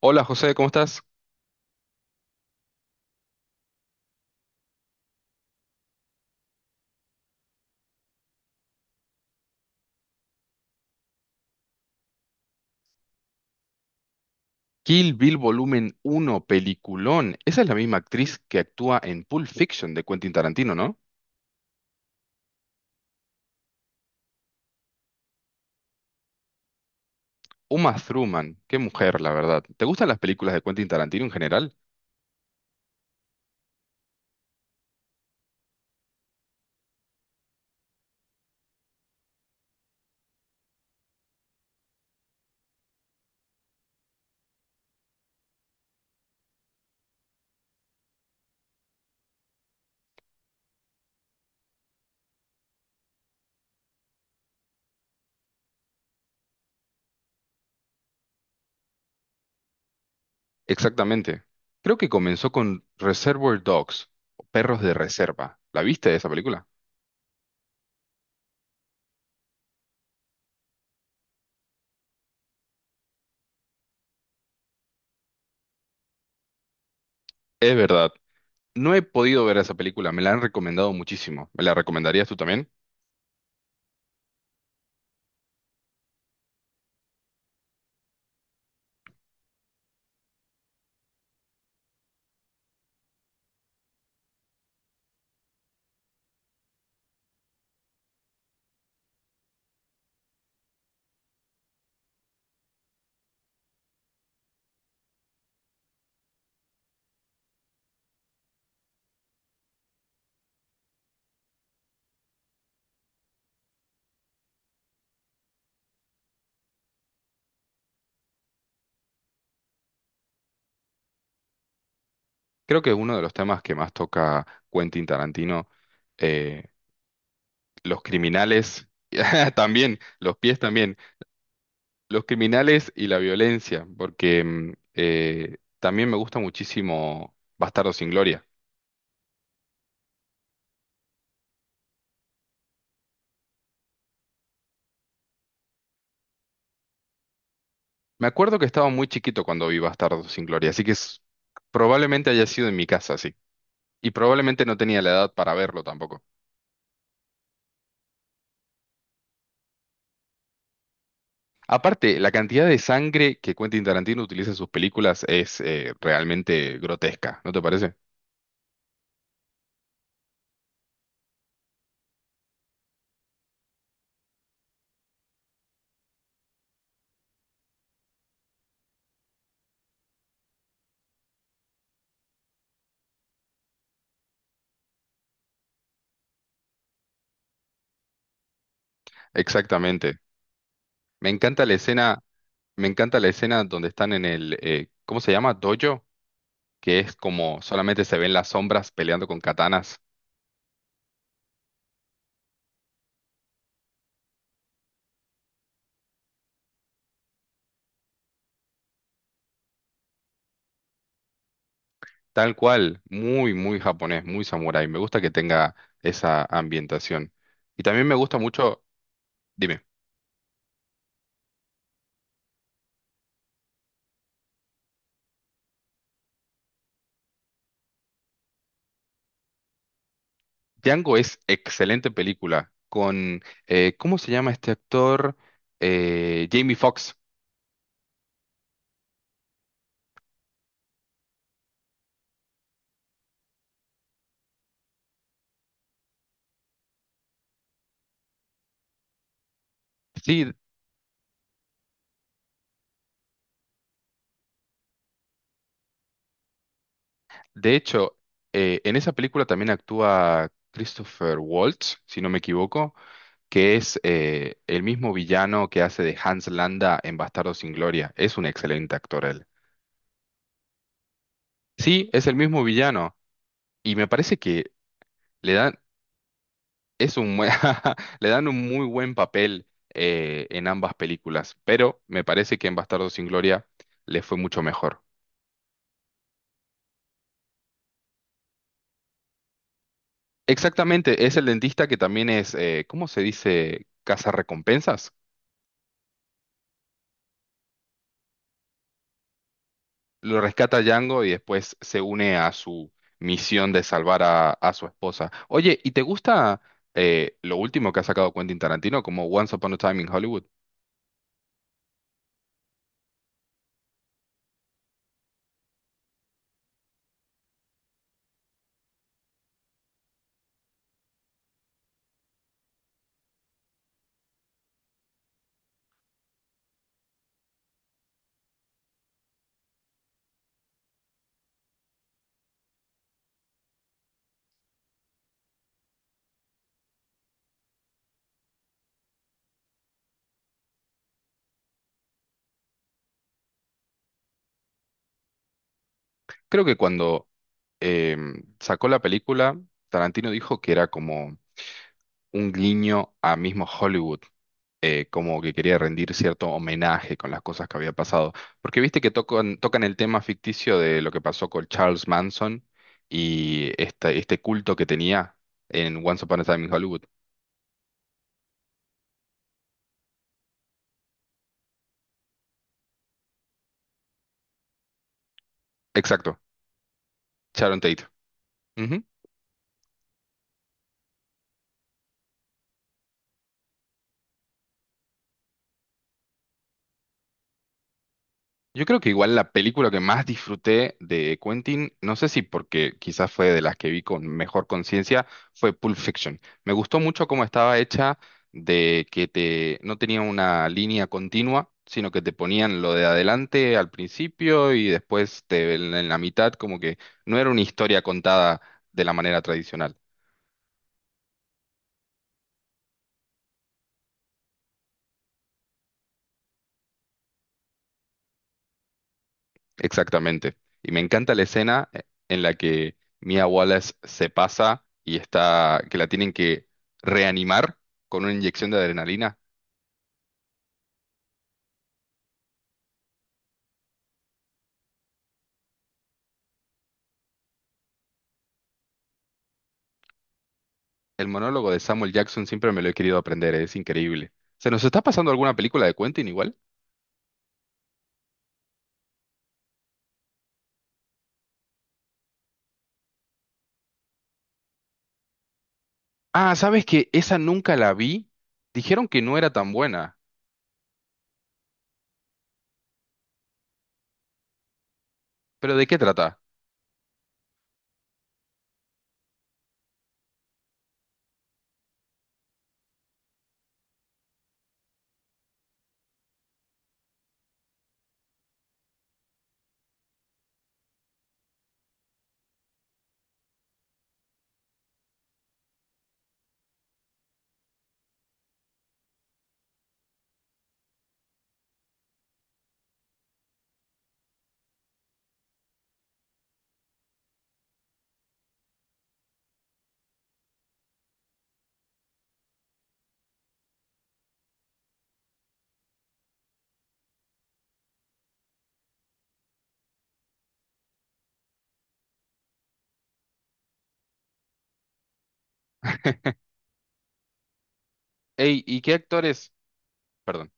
Hola José, ¿cómo estás? Kill Bill Volumen 1, peliculón. Esa es la misma actriz que actúa en Pulp Fiction de Quentin Tarantino, ¿no? Uma Thurman, qué mujer, la verdad. ¿Te gustan las películas de Quentin Tarantino en general? Exactamente. Creo que comenzó con Reservoir Dogs, o Perros de Reserva. ¿La viste esa película? Es verdad. No he podido ver esa película, me la han recomendado muchísimo. ¿Me la recomendarías tú también? Creo que es uno de los temas que más toca Quentin Tarantino. eh, Los criminales, también, los pies también. Los criminales y la violencia, porque también me gusta muchísimo Bastardo sin Gloria. Me acuerdo que estaba muy chiquito cuando vi Bastardo sin Gloria, probablemente haya sido en mi casa, sí. Y probablemente no tenía la edad para verlo tampoco. Aparte, la cantidad de sangre que Quentin Tarantino utiliza en sus películas es realmente grotesca, ¿no te parece? Exactamente. Me encanta la escena. Me encanta la escena donde están en el, ¿cómo se llama? Dojo, que es como solamente se ven las sombras peleando con katanas. Tal cual, muy, muy japonés, muy samurái. Me gusta que tenga esa ambientación. Y también me gusta mucho, dime, Django es excelente película con, ¿cómo se llama este actor? Jamie Foxx. Sí, de hecho, en esa película también actúa Christopher Waltz, si no me equivoco que es el mismo villano que hace de Hans Landa en Bastardos sin Gloria. Es un excelente actor él. Sí, es el mismo villano y me parece que le dan, es un, buen- le dan un muy buen papel en ambas películas, pero me parece que en Bastardos sin Gloria le fue mucho mejor. Exactamente, es el dentista que también es, ¿cómo se dice? Recompensas. Lo rescata Django y después se une a su misión de salvar a su esposa. Oye, ¿y te gusta lo último que ha sacado Quentin Tarantino como Once Upon a Time in Hollywood? Creo que cuando sacó la película, Tarantino dijo que era como un guiño a mismo Hollywood, como que quería rendir cierto homenaje con las cosas que había pasado. Porque viste que tocan el tema ficticio de lo que pasó con Charles Manson y este culto que tenía en Once Upon a Time in Hollywood. Exacto, Sharon Tate. Ujú. Yo creo que igual la película que más disfruté de Quentin, no sé si porque quizás fue de las que vi con mejor conciencia, fue Pulp Fiction. Me gustó mucho cómo estaba hecha, de que te no tenía una línea continua, sino que te ponían lo de adelante al principio y después en la mitad, como que no era una historia contada de la manera tradicional. Exactamente. Y me encanta la escena en la que Mia Wallace se pasa y está, que la tienen que reanimar con una inyección de adrenalina. El monólogo de Samuel Jackson siempre me lo he querido aprender, es increíble. ¿Se nos está pasando alguna película de Quentin igual? Ah, ¿sabes que esa nunca la vi? Dijeron que no era tan buena. ¿Pero de qué trata? Ey, ¿y qué actores? Perdón.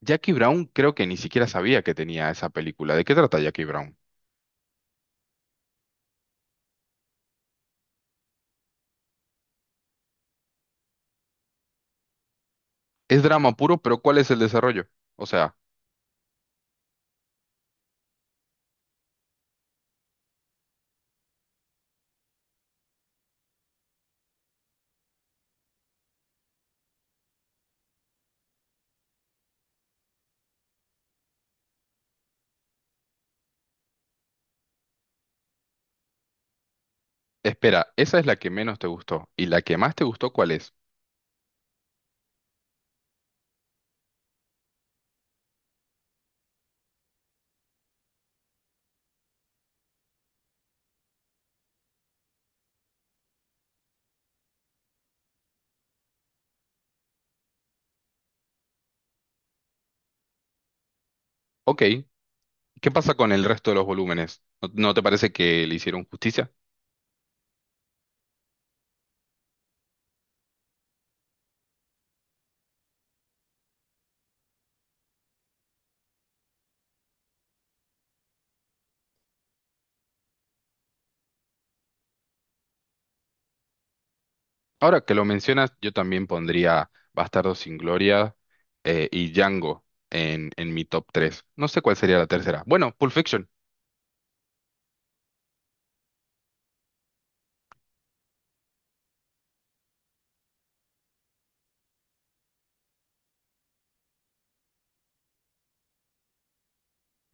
Jackie Brown creo que ni siquiera sabía que tenía esa película. ¿De qué trata Jackie Brown? Es drama puro, pero ¿cuál es el desarrollo? O sea... Espera, esa es la que menos te gustó. ¿Y la que más te gustó cuál es? Ok, ¿qué pasa con el resto de los volúmenes? ¿No, no te parece que le hicieron justicia? Ahora que lo mencionas, yo también pondría Bastardo sin Gloria y Django en mi top 3. No sé cuál sería la tercera. Bueno, Pulp Fiction.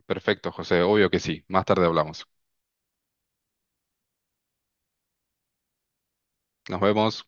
Perfecto, José, obvio que sí. Más tarde hablamos. Nos vemos.